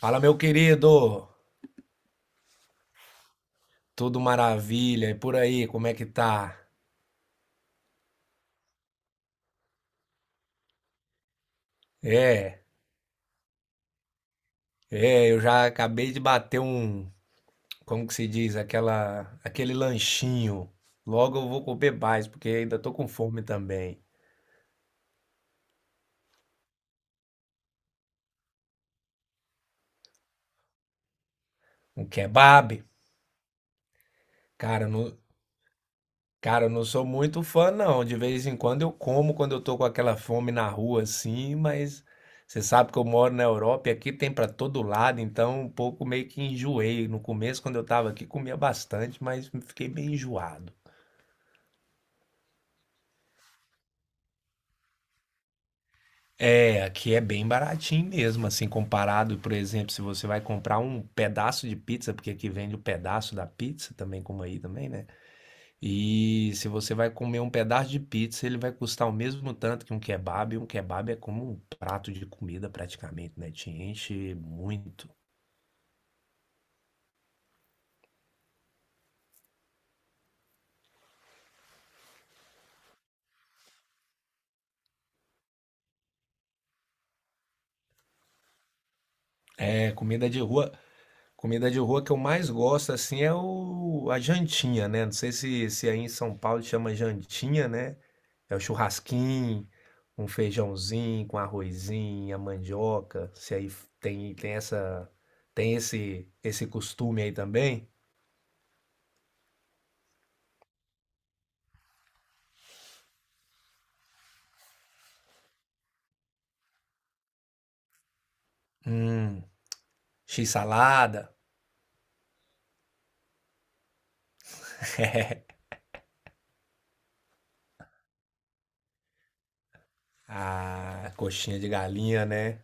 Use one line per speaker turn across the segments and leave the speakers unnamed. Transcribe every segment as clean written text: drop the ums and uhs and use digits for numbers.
Fala, meu querido! Tudo maravilha? E por aí, como é que tá? É, eu já acabei de bater como que se diz, aquele lanchinho. Logo eu vou comer mais, porque ainda tô com fome também. Um kebab. Cara, não, Cara, eu não sou muito fã, não. De vez em quando eu como quando eu tô com aquela fome na rua, assim, mas você sabe que eu moro na Europa e aqui tem pra todo lado, então um pouco meio que enjoei. No começo, quando eu tava aqui, comia bastante, mas fiquei bem enjoado. É, aqui é bem baratinho mesmo, assim, comparado, por exemplo, se você vai comprar um pedaço de pizza, porque aqui vende o pedaço da pizza também, como aí também, né? E se você vai comer um pedaço de pizza, ele vai custar o mesmo tanto que um kebab. E um kebab é como um prato de comida praticamente, né? Te enche muito. É, comida de rua, comida de rua que eu mais gosto assim é o a jantinha, né? Não sei se aí em São Paulo chama jantinha, né? É o churrasquinho, um feijãozinho com arrozinho, a mandioca. Se aí tem tem essa tem esse costume aí também. Hum, x-salada. A coxinha de galinha, né?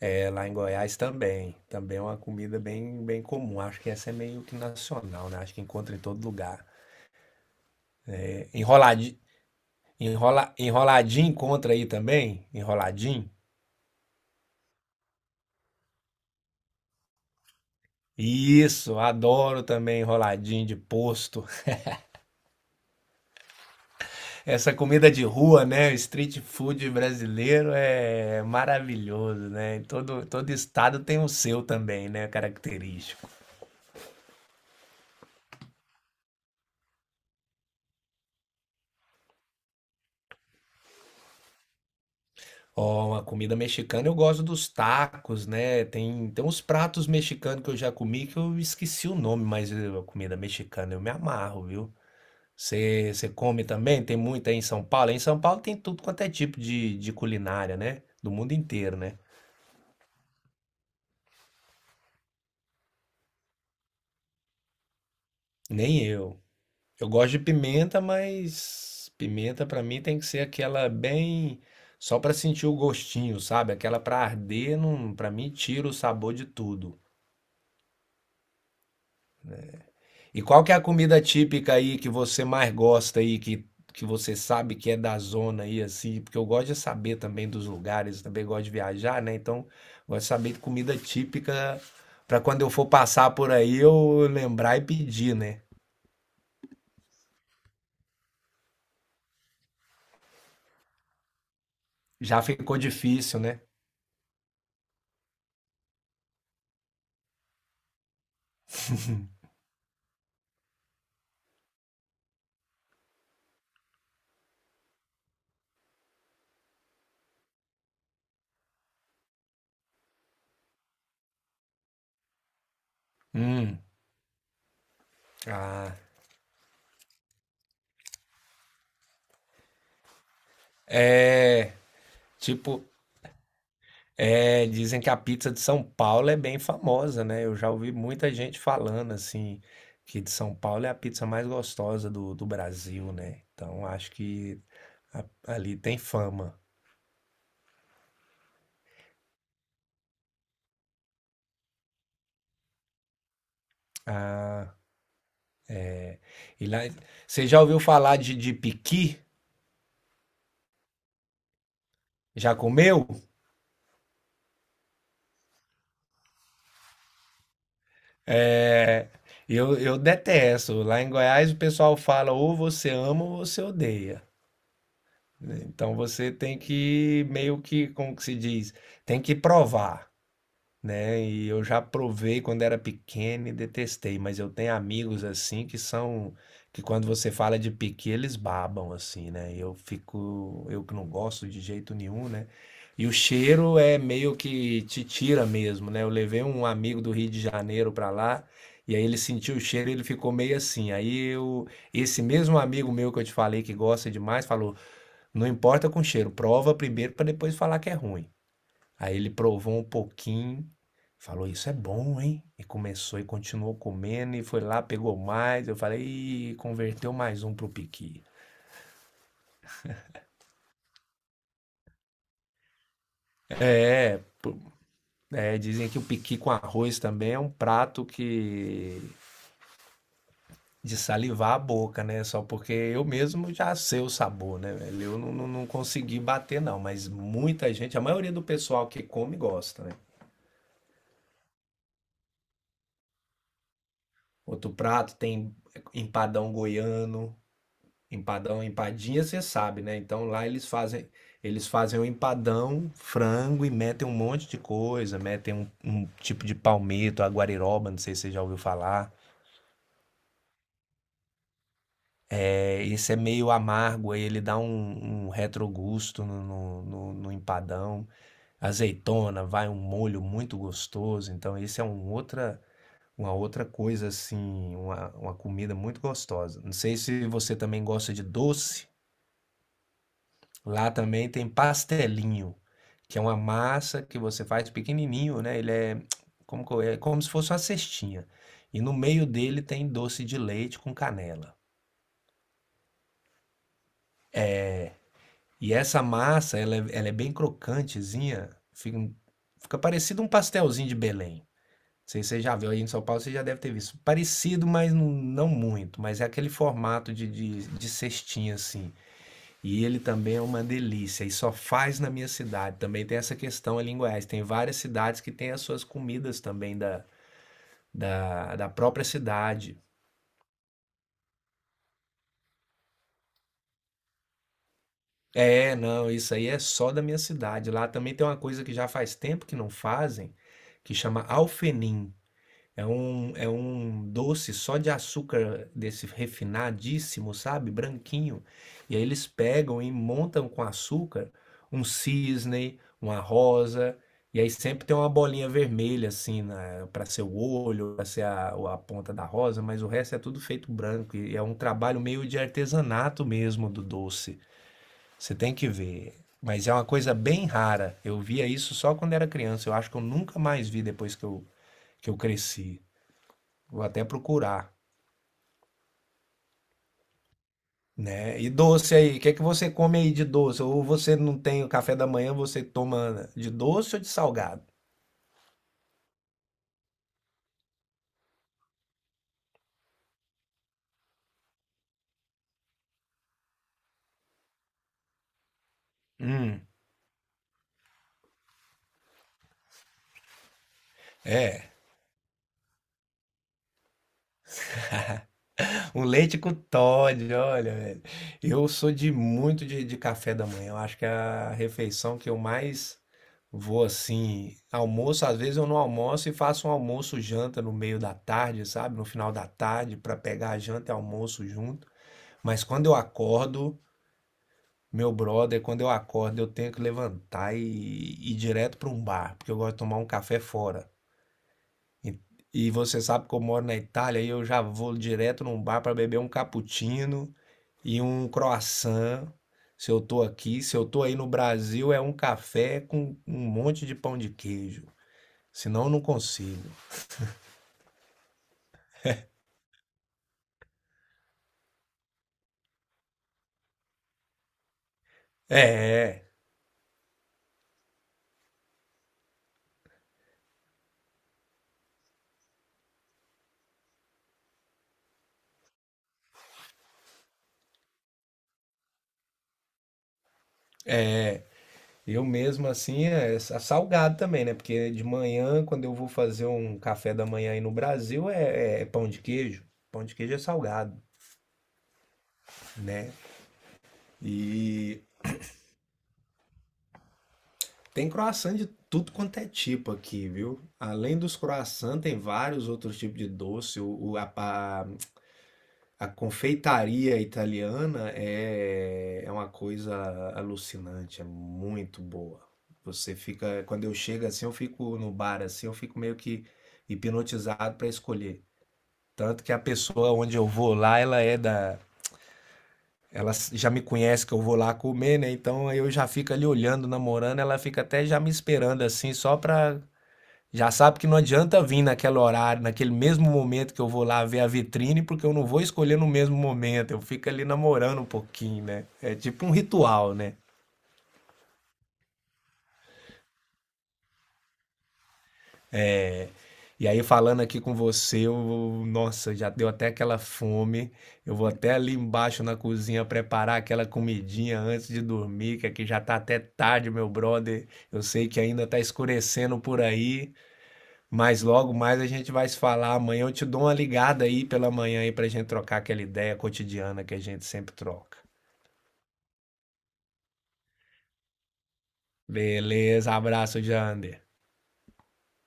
É lá em Goiás também. Também é uma comida bem, bem comum. Acho que essa é meio que nacional, né? Acho que encontra em todo lugar. Enroladinho, enroladinho encontra aí também? Enroladinho? Isso, adoro também enroladinho de posto. Essa comida de rua, né? O street food brasileiro é maravilhoso, né? Todo estado tem o seu também, né? Característico. Ó, a comida mexicana eu gosto dos tacos, né? Tem uns pratos mexicanos que eu já comi que eu esqueci o nome, mas a comida mexicana eu me amarro, viu? Você come também? Tem muito aí em São Paulo? Em São Paulo tem tudo quanto é tipo de culinária, né? Do mundo inteiro, né? Nem eu. Eu gosto de pimenta, mas pimenta pra mim tem que ser aquela bem. Só pra sentir o gostinho, sabe? Aquela pra arder, não, para mim tira o sabor de tudo. E qual que é a comida típica aí que você mais gosta aí, que você sabe que é da zona aí, assim? Porque eu gosto de saber também dos lugares, também gosto de viajar, né? Então, gosto de saber de comida típica para quando eu for passar por aí eu lembrar e pedir, né? Já ficou difícil, né? Hum. Ah. É. Tipo, é, dizem que a pizza de São Paulo é bem famosa, né? Eu já ouvi muita gente falando assim que de São Paulo é a pizza mais gostosa do Brasil, né? Então acho que a- ali tem fama. Ah, e lá, você já ouviu falar de piqui? Já comeu? É, eu detesto. Lá em Goiás o pessoal fala ou você ama ou você odeia. Né? Então você tem que meio que, como que se diz, tem que provar. Né? E eu já provei quando era pequeno e detestei, mas eu tenho amigos assim que quando você fala de piqui, eles babam assim, né? E eu fico, eu que não gosto de jeito nenhum, né? E o cheiro é meio que te tira mesmo, né? Eu levei um amigo do Rio de Janeiro pra lá e aí ele sentiu o cheiro e ele ficou meio assim. Esse mesmo amigo meu que eu te falei que gosta demais, falou: "Não importa com cheiro, prova primeiro pra depois falar que é ruim". Aí ele provou um pouquinho, falou: "Isso é bom, hein?" E começou e continuou comendo, e foi lá, pegou mais. Eu falei: "Ih, converteu mais um pro piqui." É, pô, dizem que o piqui com arroz também é um prato que. De salivar a boca, né? Só porque eu mesmo já sei o sabor, né, velho? Eu não consegui bater, não. Mas muita gente, a maioria do pessoal que come gosta, né? Outro prato tem empadão goiano. Empadão, empadinha, você sabe, né? Eles fazem um empadão, frango e metem um monte de coisa, metem um tipo de palmito, aguariroba, não sei se você já ouviu falar. É, esse é meio amargo, aí ele dá um retrogusto no empadão. Azeitona, vai um molho muito gostoso. Então esse é um outra, uma outra coisa assim, uma comida muito gostosa. Não sei se você também gosta de doce. Lá também tem pastelinho, que é uma massa que você faz pequenininho, né? Ele é é como se fosse uma cestinha. E no meio dele tem doce de leite com canela. E essa massa, ela é bem crocantezinha, fica, um, fica parecido um pastelzinho de Belém. Não sei se você já viu aí em São Paulo, você já deve ter visto. Parecido, mas não muito. Mas é aquele formato de cestinha assim. E ele também é uma delícia e só faz na minha cidade. Também tem essa questão ali em Goiás. Tem várias cidades que têm as suas comidas também da própria cidade. É, não, isso aí é só da minha cidade. Lá também tem uma coisa que já faz tempo que não fazem, que chama alfenim. É um doce só de açúcar desse refinadíssimo, sabe? Branquinho. E aí eles pegam e montam com açúcar um cisne, uma rosa, e aí sempre tem uma bolinha vermelha assim para ser o olho, para ser a ponta da rosa, mas o resto é tudo feito branco. E é um trabalho meio de artesanato mesmo do doce. Você tem que ver. Mas é uma coisa bem rara. Eu via isso só quando era criança. Eu acho que eu nunca mais vi depois que eu cresci. Vou até procurar, né? E doce aí, o que é que você come aí de doce? Ou você não tem o café da manhã, você toma de doce ou de salgado? Hum, é. Um leite com Toddy, olha, velho. Eu sou de muito de café da manhã. Eu acho que é a refeição que eu mais vou assim. Almoço, às vezes eu não almoço e faço um almoço janta no meio da tarde, sabe? No final da tarde, para pegar a janta e almoço junto. Mas quando eu acordo, Meu brother, quando eu acordo, eu tenho que levantar e ir direto para um bar, porque eu gosto de tomar um café fora. E, você sabe que eu moro na Itália e eu já vou direto num bar para beber um cappuccino e um croissant. Se eu tô aqui, se eu tô aí no Brasil, é um café com um monte de pão de queijo. Senão eu não consigo. É. é. Eu mesmo assim é salgado também, né? Porque de manhã, quando eu vou fazer um café da manhã aí no Brasil, é pão de queijo. Pão de queijo é salgado, né? E tem croissant de tudo quanto é tipo aqui, viu? Além dos croissants, tem vários outros tipos de doce. A confeitaria italiana é uma coisa alucinante, é muito boa. Você fica, quando eu chego assim, eu fico no bar assim, eu fico meio que hipnotizado para escolher. Tanto que a pessoa onde eu vou lá, ela já me conhece que eu vou lá comer, né? Então eu já fico ali olhando, namorando, ela fica até já me esperando assim, só para já sabe que não adianta vir naquele horário, naquele mesmo momento que eu vou lá ver a vitrine, porque eu não vou escolher no mesmo momento. Eu fico ali namorando um pouquinho, né? É tipo um ritual, né? E aí, falando aqui com você, eu, nossa, já deu até aquela fome. Eu vou até ali embaixo na cozinha preparar aquela comidinha antes de dormir, que aqui já tá até tarde, meu brother. Eu sei que ainda tá escurecendo por aí. Mas logo mais a gente vai se falar amanhã. Eu te dou uma ligada aí pela manhã aí pra gente trocar aquela ideia cotidiana que a gente sempre troca. Beleza, abraço, Jander.